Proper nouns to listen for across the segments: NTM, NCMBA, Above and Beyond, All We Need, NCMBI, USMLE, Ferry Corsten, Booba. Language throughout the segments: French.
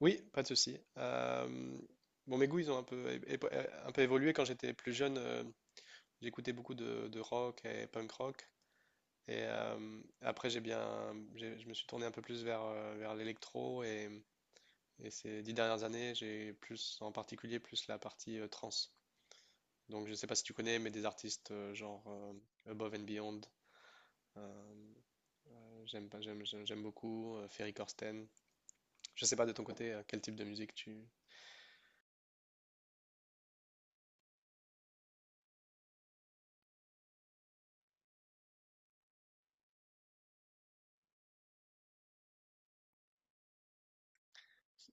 Oui, pas de souci. Bon, mes goûts, ils ont un peu, un peu évolué. Quand j'étais plus jeune, j'écoutais beaucoup de rock et punk rock. Et après, je me suis tourné un peu plus vers, vers l'électro. Et ces dix dernières années, j'ai plus, en particulier, plus la partie trance. Donc, je ne sais pas si tu connais, mais des artistes genre Above and Beyond. Euh, j'aime pas, j'aime, j'aime j'aime beaucoup. Ferry Corsten. Je ne sais pas de ton côté, quel type de musique tu.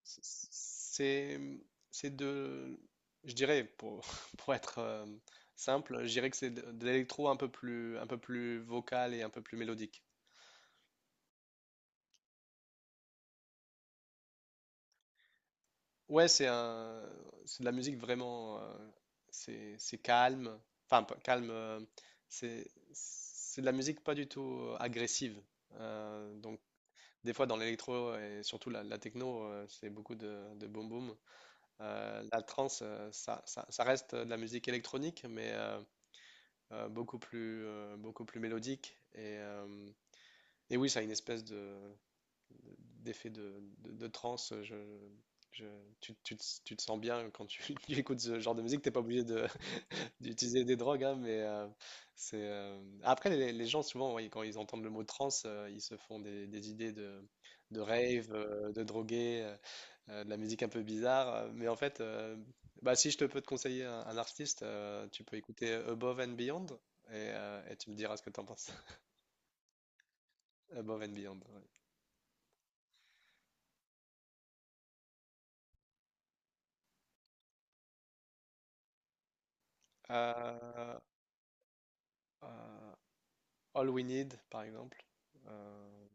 C'est, c'est de, je dirais, pour, pour être simple, je dirais que c'est de l'électro un peu plus vocal et un peu plus mélodique. Ouais, c'est un, c'est de la musique vraiment, c'est calme, enfin pas calme, c'est de la musique pas du tout agressive. Donc des fois dans l'électro et surtout la techno, c'est beaucoup de boom boom. La trance, ça reste de la musique électronique, mais beaucoup plus mélodique. Et oui, ça a une espèce d'effet de transe. Je- tu te sens bien quand tu tu écoutes ce genre de musique. T'es pas obligé de d'utiliser des drogues, hein, mais c'est. Après, les gens, souvent, oui, quand ils entendent le mot trance, ils se font des idées de rave, de drogués de la musique un peu bizarre. Mais en fait, bah, si je te peux te conseiller un artiste, tu peux écouter Above and Beyond et tu me diras ce que tu en penses. Above and Beyond, ouais. Euh, euh, All We Need, par exemple. Euh,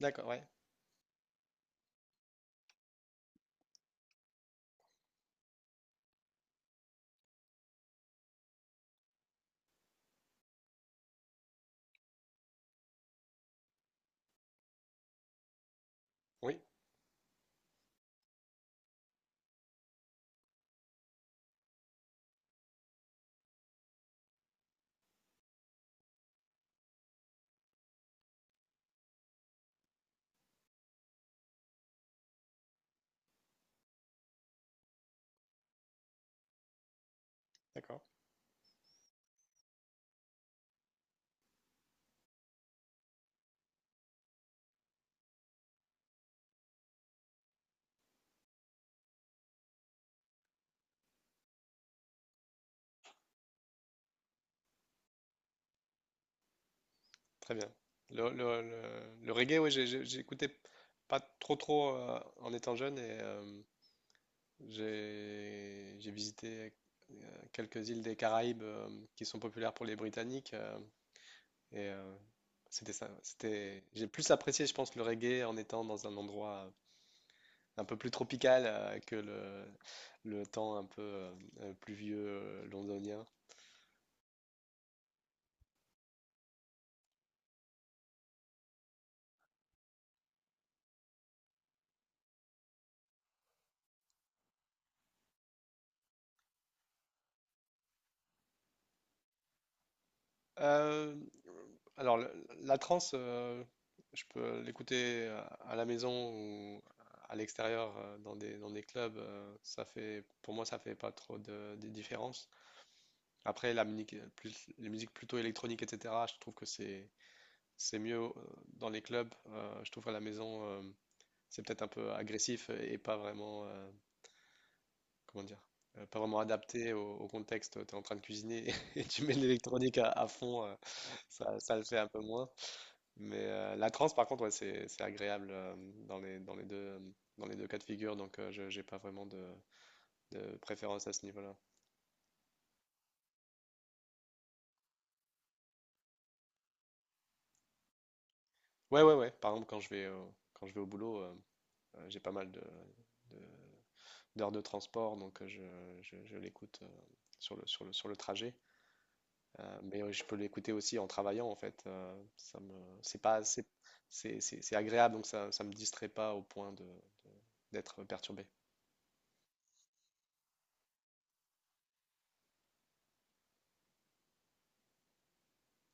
d'accord, ouais. Oui, d'accord. Très bien. Le reggae, oui, j'écoutais pas trop trop en étant jeune et j'ai visité quelques îles des Caraïbes qui sont populaires pour les Britanniques. Et euh, C'était ça. C'était, j'ai plus apprécié, je pense, le reggae en étant dans un endroit un peu plus tropical que le temps un peu pluvieux londonien. Euh, alors, la trance, je peux l'écouter à la maison ou à l'extérieur dans des clubs. Ça fait, pour moi, ça fait pas trop de différence. Après, la musique, les musiques plutôt électroniques, etc., je trouve que c'est mieux dans les clubs. Je trouve à la maison, c'est peut-être un peu agressif et pas vraiment, comment dire, pas vraiment adapté au, au contexte. Tu es en train de cuisiner et tu mets de l'électronique à fond, ça, ça le fait un peu moins. Mais la trance, par contre, ouais, c'est agréable dans les, dans les deux, dans les deux cas de figure. Donc, je j'ai pas vraiment de préférence à ce niveau-là. Ouais, ouais, ouais. Par exemple, quand je vais au boulot, j'ai pas mal de d'heures de transport, donc je l'écoute sur sur le trajet. Mais je peux l'écouter aussi en travaillant, en fait. Ça me, c'est pas, c'est- C'est agréable, donc ça me distrait pas au point de d'être perturbé.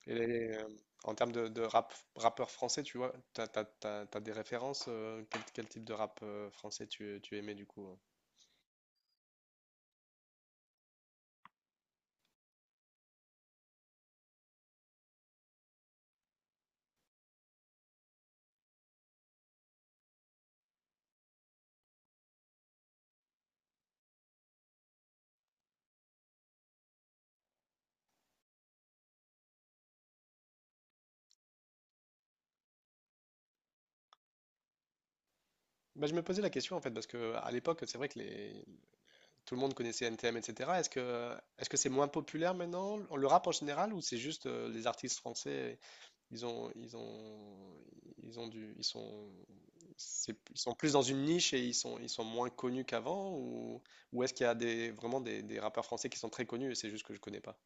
Et les- euh, En termes de rap, rappeur français, tu vois, t'as des références, quel type de rap français tu aimais du coup, hein? Bah, je me posais la question en fait, parce que à l'époque, c'est vrai que les, tout le monde connaissait NTM, etc. Est-ce que c'est moins populaire maintenant, le rap en général, ou c'est juste les artistes français, ils ont ils ont ils ont du ils sont c'est- ils sont plus dans une niche et ils sont moins connus qu'avant, ou est-ce qu'il y a des vraiment des rappeurs français qui sont très connus et c'est juste que je connais pas?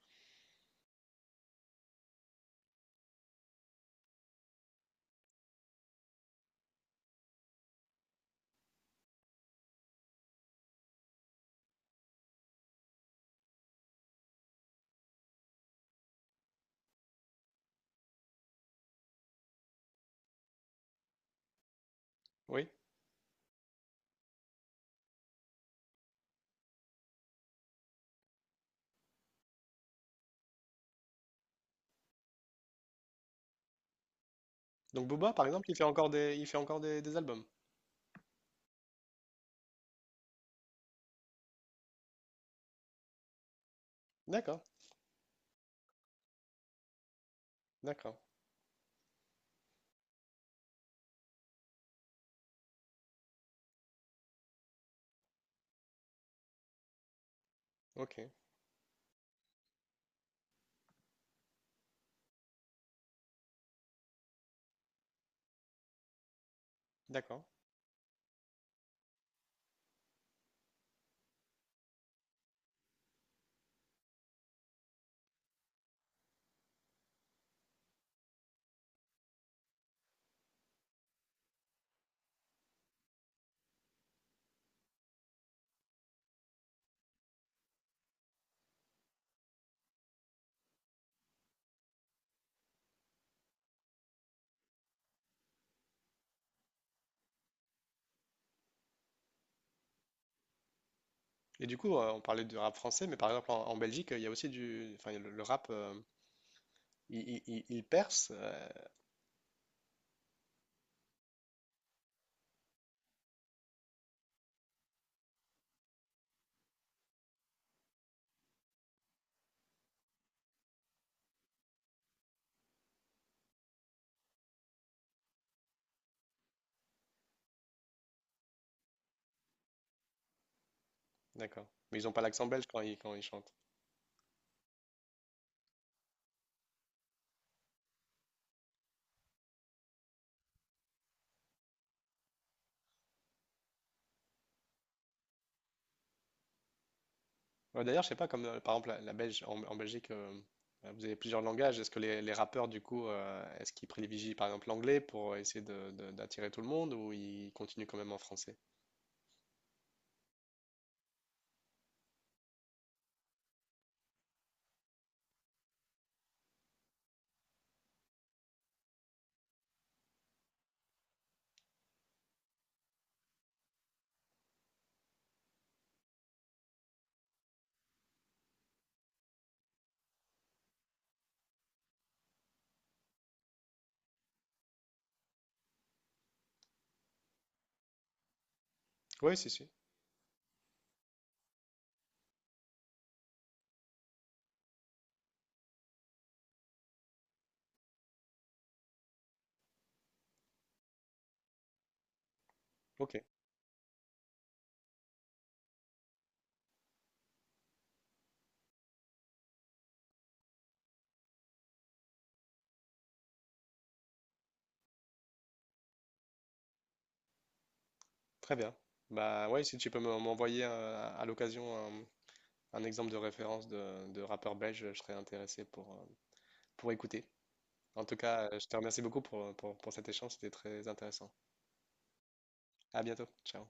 Oui. Donc Booba, par exemple, il fait encore des albums. D'accord, d'accord, ok, d'accord. Et du coup, on parlait du rap français, mais par exemple en, en Belgique, il y a aussi du enfin le rap. Ils percent? D'accord. Mais ils n'ont pas l'accent belge quand ils chantent. Ouais, d'ailleurs, je sais pas, comme par exemple la Belge, en, en Belgique, vous avez plusieurs langages. Est-ce que les rappeurs, du coup, est-ce qu'ils privilégient par exemple l'anglais pour essayer d'attirer tout le monde ou ils continuent quand même en français? Oui, si, si. Ok, très bien. Bah ouais, si tu peux m'envoyer à l'occasion un exemple de référence de rappeur belge, je serais intéressé pour écouter. En tout cas, je te remercie beaucoup pour cet échange, c'était très intéressant. À bientôt, ciao.